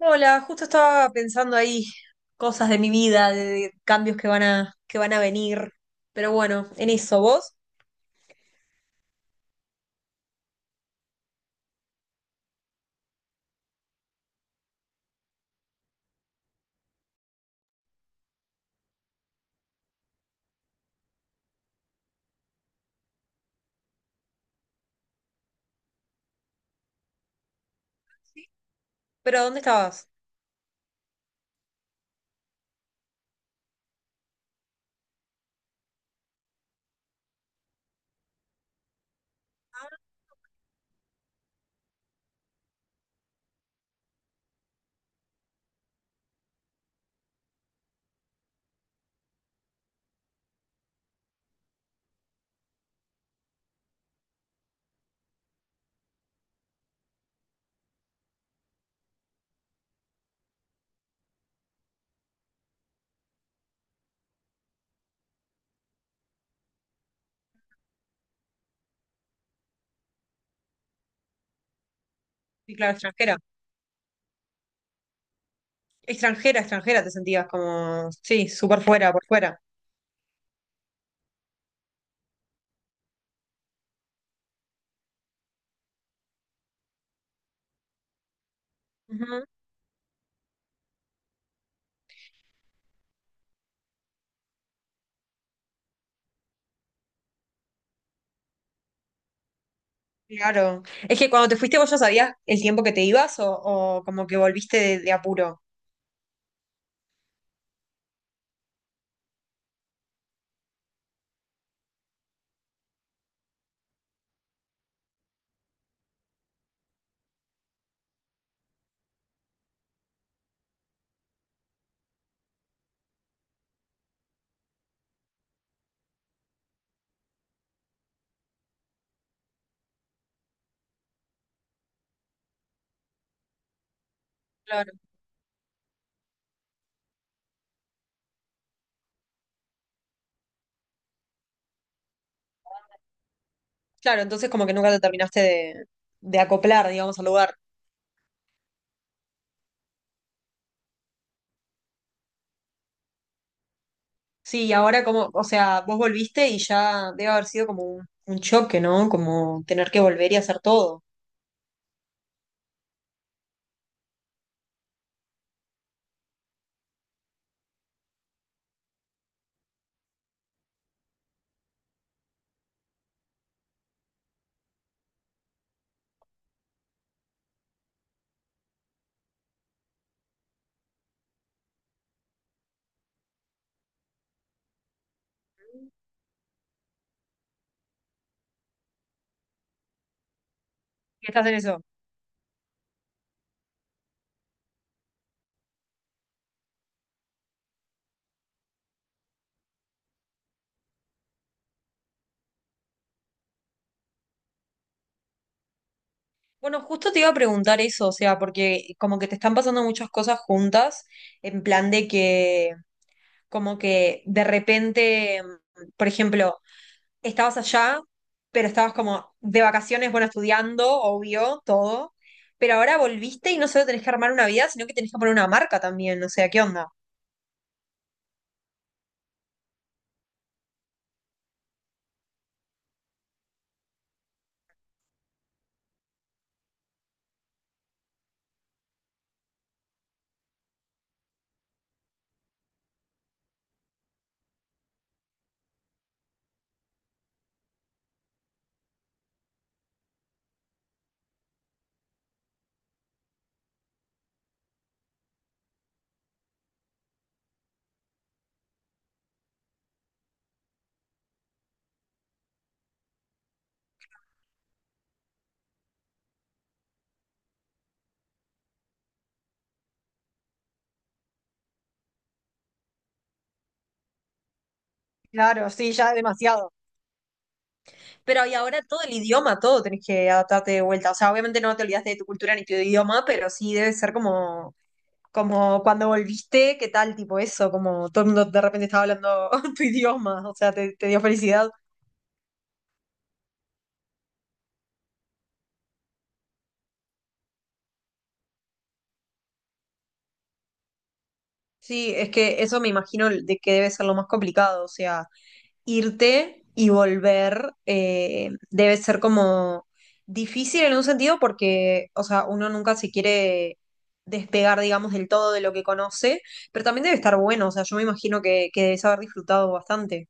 Hola, justo estaba pensando ahí cosas de mi vida, de cambios que van a venir. Pero bueno, en eso, ¿vos? ¿Pero dónde estabas? Ah. Sí, claro, extranjera. Extranjera, extranjera, te sentías como, sí, súper fuera, por fuera. Ujú. Claro. Es que cuando te fuiste vos ya sabías el tiempo que te ibas o como que volviste de apuro. Claro. Claro, entonces como que nunca te terminaste de acoplar, digamos, al lugar. Sí, y ahora como, o sea, vos volviste y ya debe haber sido como un choque, ¿no? Como tener que volver y hacer todo. ¿Qué estás en eso? Bueno, justo te iba a preguntar eso, o sea, porque como que te están pasando muchas cosas juntas, en plan de que, como que de repente, por ejemplo, estabas allá, pero estabas como de vacaciones, bueno, estudiando, obvio, todo, pero ahora volviste y no solo tenés que armar una vida, sino que tenés que poner una marca también, o sea, ¿qué onda? Claro, sí, ya demasiado. Pero y ahora todo el idioma, todo tenés que adaptarte de vuelta. O sea, obviamente no te olvidaste de tu cultura ni tu idioma, pero sí debe ser como, como cuando volviste, ¿qué tal? Tipo eso, como todo el mundo de repente estaba hablando tu idioma, o sea, te dio felicidad. Sí, es que eso me imagino de que debe ser lo más complicado, o sea. Irte y volver, debe ser como difícil en un sentido porque, o sea, uno nunca se quiere despegar, digamos, del todo de lo que conoce, pero también debe estar bueno, o sea, yo me imagino que debes haber disfrutado bastante.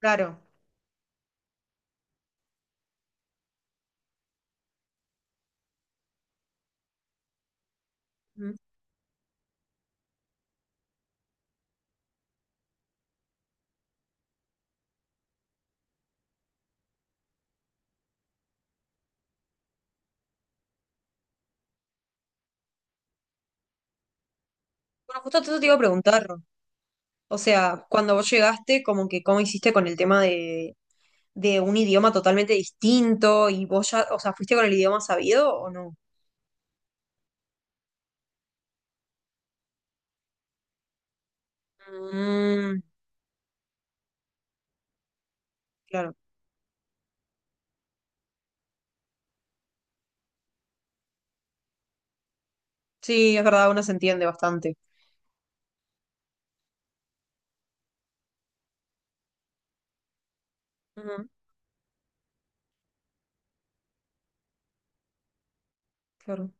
Claro. Mm. Bueno, justo eso te iba a preguntar, o sea, cuando vos llegaste, como que, ¿cómo hiciste con el tema de un idioma totalmente distinto y vos ya, o sea, fuiste con el idioma sabido o no? Mm, claro. Sí, es verdad, uno se entiende bastante. Ujú. Claro.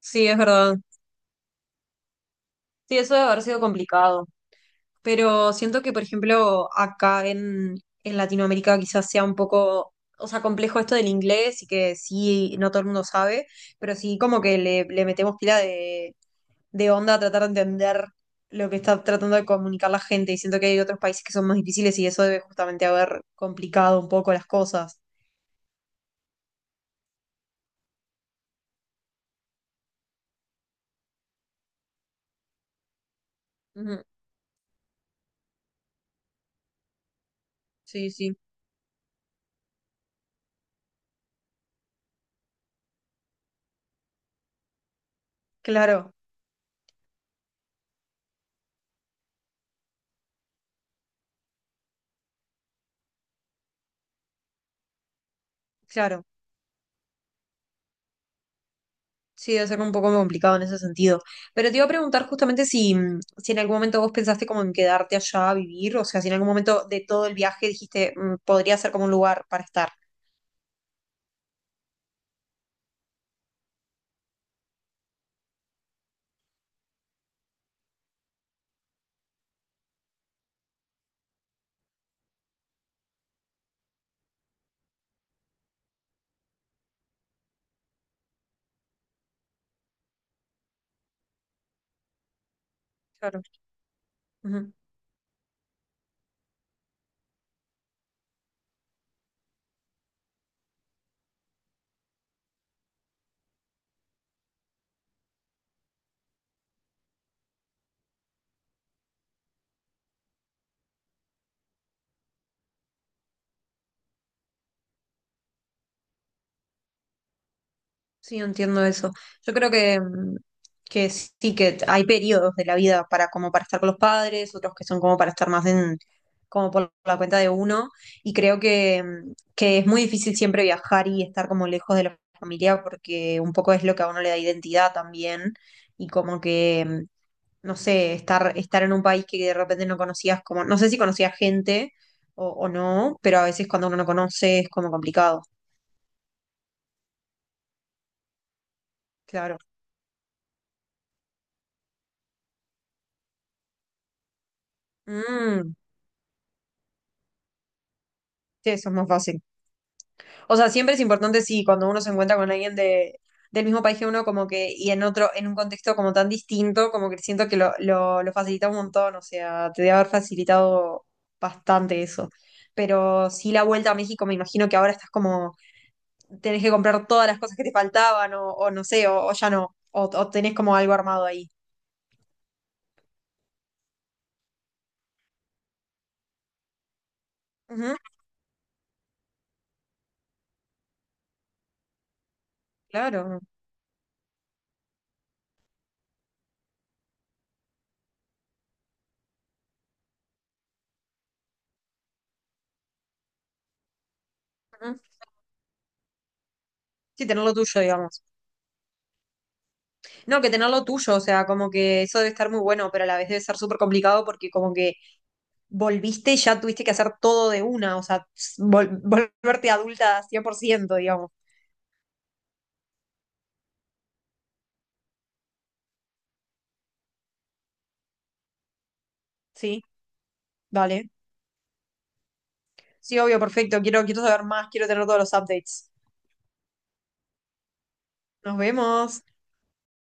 Sí, es verdad. Sí, eso debe haber sido complicado. Pero siento que, por ejemplo, en Latinoamérica quizás sea un poco, o sea, complejo esto del inglés y que sí, no todo el mundo sabe, pero sí como que le metemos pila de onda a tratar de entender lo que está tratando de comunicar la gente. Y siento que hay otros países que son más difíciles y eso debe justamente haber complicado un poco las cosas. Ujú. Sí, sí. Claro, claro. Sí, debe ser un poco complicado en ese sentido. Pero te iba a preguntar justamente si, si en algún momento vos pensaste como en quedarte allá a vivir, o sea, si en algún momento de todo el viaje dijiste, podría ser como un lugar para estar. Claro. Sí, entiendo eso. Yo creo que, que sí que hay periodos de la vida para como para estar con los padres, otros que son como para estar más en, como por la cuenta de uno, y creo que, que es muy difícil siempre viajar y estar como lejos de la familia porque un poco es lo que a uno le da identidad también, y como que, no sé, estar en un país que de repente no conocías, como, no sé si conocías gente o no, pero a veces cuando uno no conoce es como complicado. Claro. Mm, sí, eso es más fácil. O sea, siempre es importante, sí, cuando uno se encuentra con alguien de, del mismo país que uno, como que, y en otro, en un contexto como tan distinto, como que siento que lo facilita un montón, o sea, te debe haber facilitado bastante eso. Pero sí, la vuelta a México, me imagino que ahora estás como, tenés que comprar todas las cosas que te faltaban, o no sé, o ya no, o tenés como algo armado ahí. Ujú, claro. Ujú. Sí, tener lo tuyo, digamos. No, que tener lo tuyo, o sea, como que eso debe estar muy bueno, pero a la vez debe ser súper complicado porque como que volviste y ya tuviste que hacer todo de una, o sea, volverte adulta 100%, digamos. Sí, vale. Sí, obvio, perfecto. Quiero saber más, quiero tener todos los updates. Nos vemos.